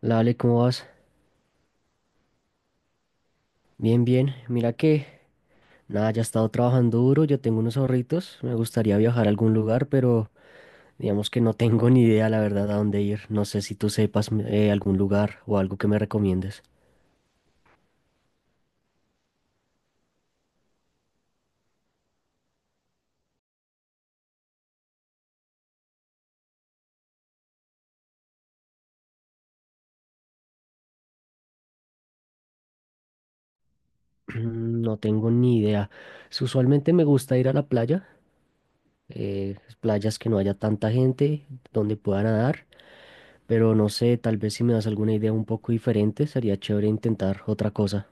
La Ale, ¿cómo vas? Bien, bien. Mira que, nada, ya he estado trabajando duro, yo tengo unos ahorritos, me gustaría viajar a algún lugar, pero digamos que no tengo ni idea, la verdad, a dónde ir. No sé si tú sepas algún lugar o algo que me recomiendes. No tengo ni idea. Usualmente me gusta ir a la playa, playas que no haya tanta gente, donde pueda nadar, pero no sé, tal vez si me das alguna idea un poco diferente, sería chévere intentar otra cosa.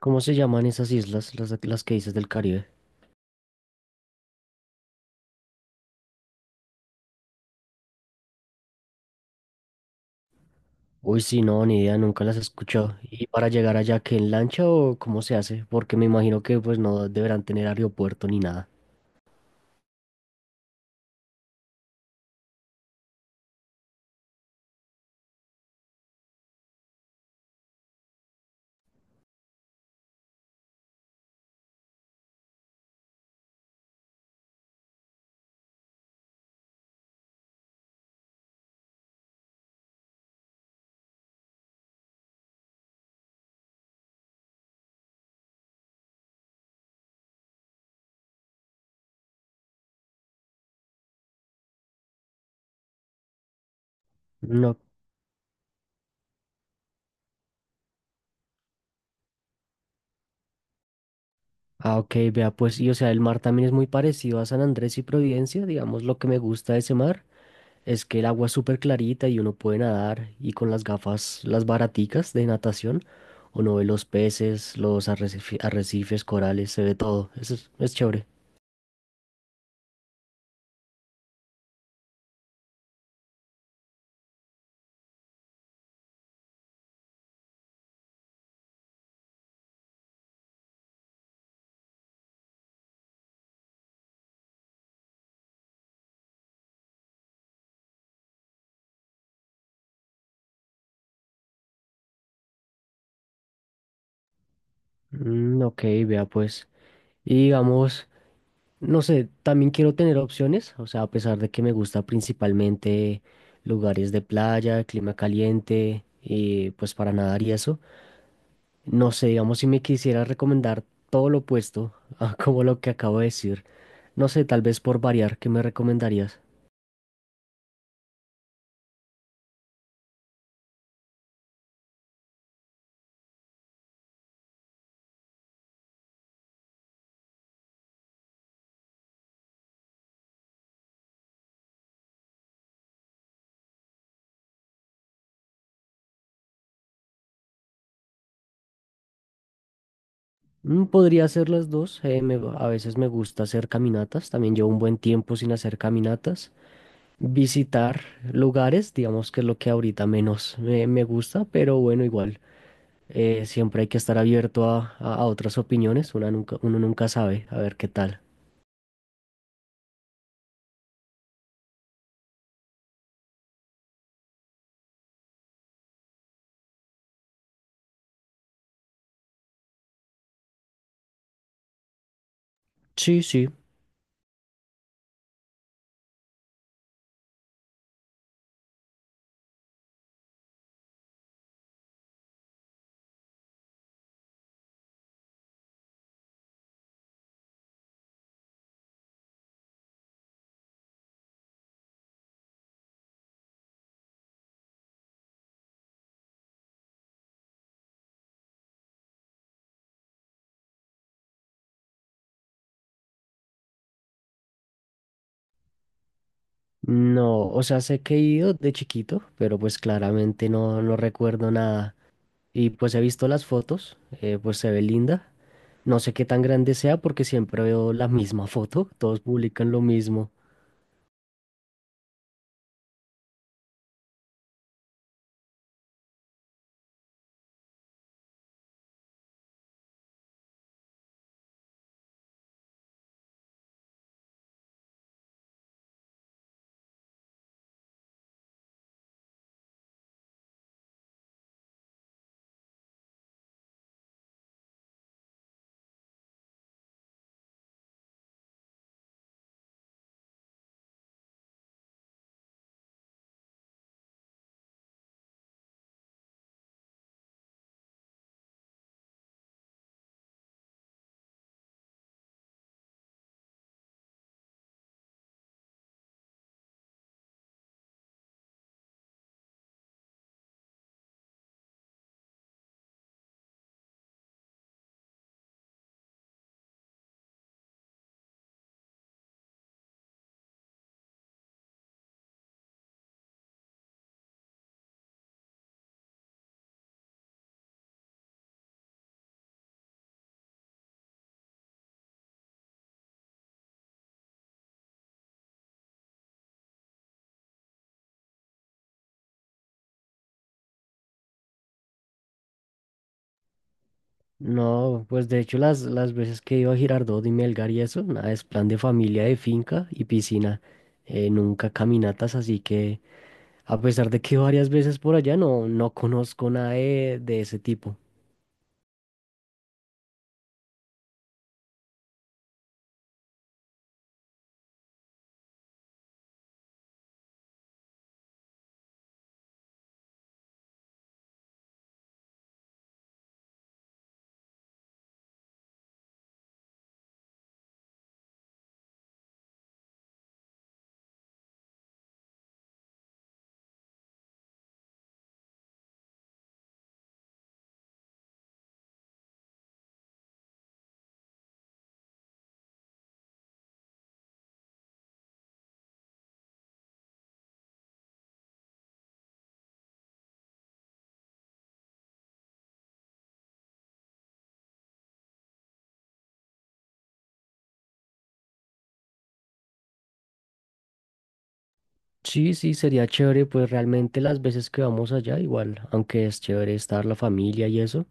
¿Cómo se llaman esas islas, las que dices del Caribe? Uy, sí, no, ni idea, nunca las escuchó. ¿Y para llegar allá, qué en lancha o cómo se hace? Porque me imagino que pues no deberán tener aeropuerto ni nada. No. Ah, ok, vea, pues, y o sea, el mar también es muy parecido a San Andrés y Providencia. Digamos, lo que me gusta de ese mar es que el agua es súper clarita y uno puede nadar y con las gafas, las baraticas de natación, uno ve los peces, arrecifes, corales, se ve todo. Eso es chévere. Mm, ok, vea, pues. Y digamos. No sé, también quiero tener opciones, o sea, a pesar de que me gusta principalmente lugares de playa, clima caliente, y pues para nadar y eso, no sé, digamos si me quisiera recomendar todo lo opuesto a como lo que acabo de decir, no sé, tal vez por variar, ¿qué me recomendarías? Mm, podría hacer las dos, a veces me gusta hacer caminatas, también llevo un buen tiempo sin hacer caminatas, visitar lugares, digamos que es lo que ahorita menos me gusta, pero bueno, igual. Siempre hay que estar abierto a, a otras opiniones, una nunca, uno nunca sabe, a ver qué tal. Sí, sí. No, o sea, sé que he ido de chiquito, pero pues claramente no, no recuerdo nada. Y pues he visto las fotos, pues se ve linda. No sé qué tan grande sea porque siempre veo la misma foto, todos publican lo mismo. No, pues de hecho las veces que he ido a Girardot y Melgar y eso, nada, es plan de familia, de finca y piscina. Nunca caminatas, así que... A pesar de que varias veces por allá no, no conozco nada de, de ese tipo. Sí, sí, sería chévere, pues realmente las veces que vamos allá, igual, aunque es chévere estar la familia y eso,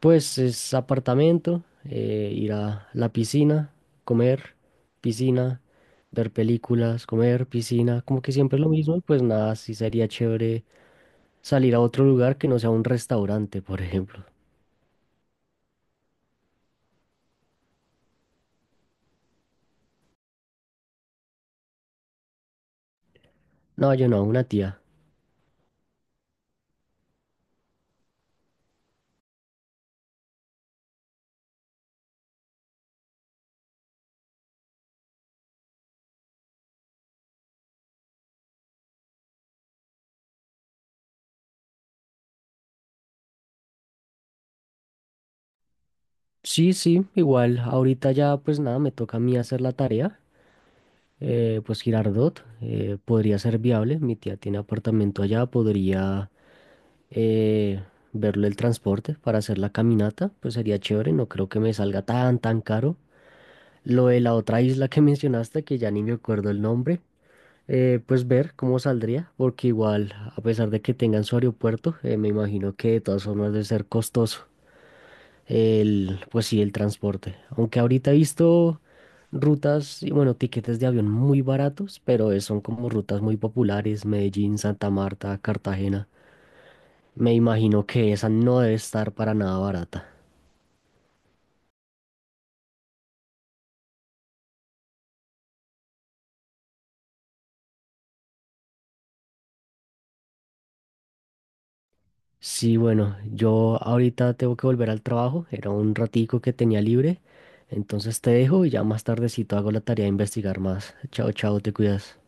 pues es apartamento, ir a la piscina, comer, piscina, ver películas, comer, piscina, como que siempre lo mismo, y pues nada, sí sería chévere salir a otro lugar que no sea un restaurante, por ejemplo. No, yo no, una tía. Sí, sí, igual, ahorita ya pues nada, me toca a mí hacer la tarea. Pues Girardot podría ser viable. Mi tía tiene apartamento allá, podría eh, verlo el transporte para hacer la caminata, pues sería chévere, no creo que me salga tan, tan caro. Lo de la otra isla que mencionaste, que ya ni me acuerdo el nombre, pues ver cómo saldría, porque igual, a pesar de que tengan su aeropuerto, me imagino que de todas formas debe ser costoso. El, pues sí, el transporte. Aunque ahorita he visto rutas y bueno, tiquetes de avión muy baratos, pero son como rutas muy populares, Medellín, Santa Marta, Cartagena. Me imagino que esa no debe estar para nada barata. Sí, bueno, yo ahorita tengo que volver al trabajo, era un ratico que tenía libre, entonces te dejo y ya más tardecito hago la tarea de investigar más. Chao, chao, te cuidas.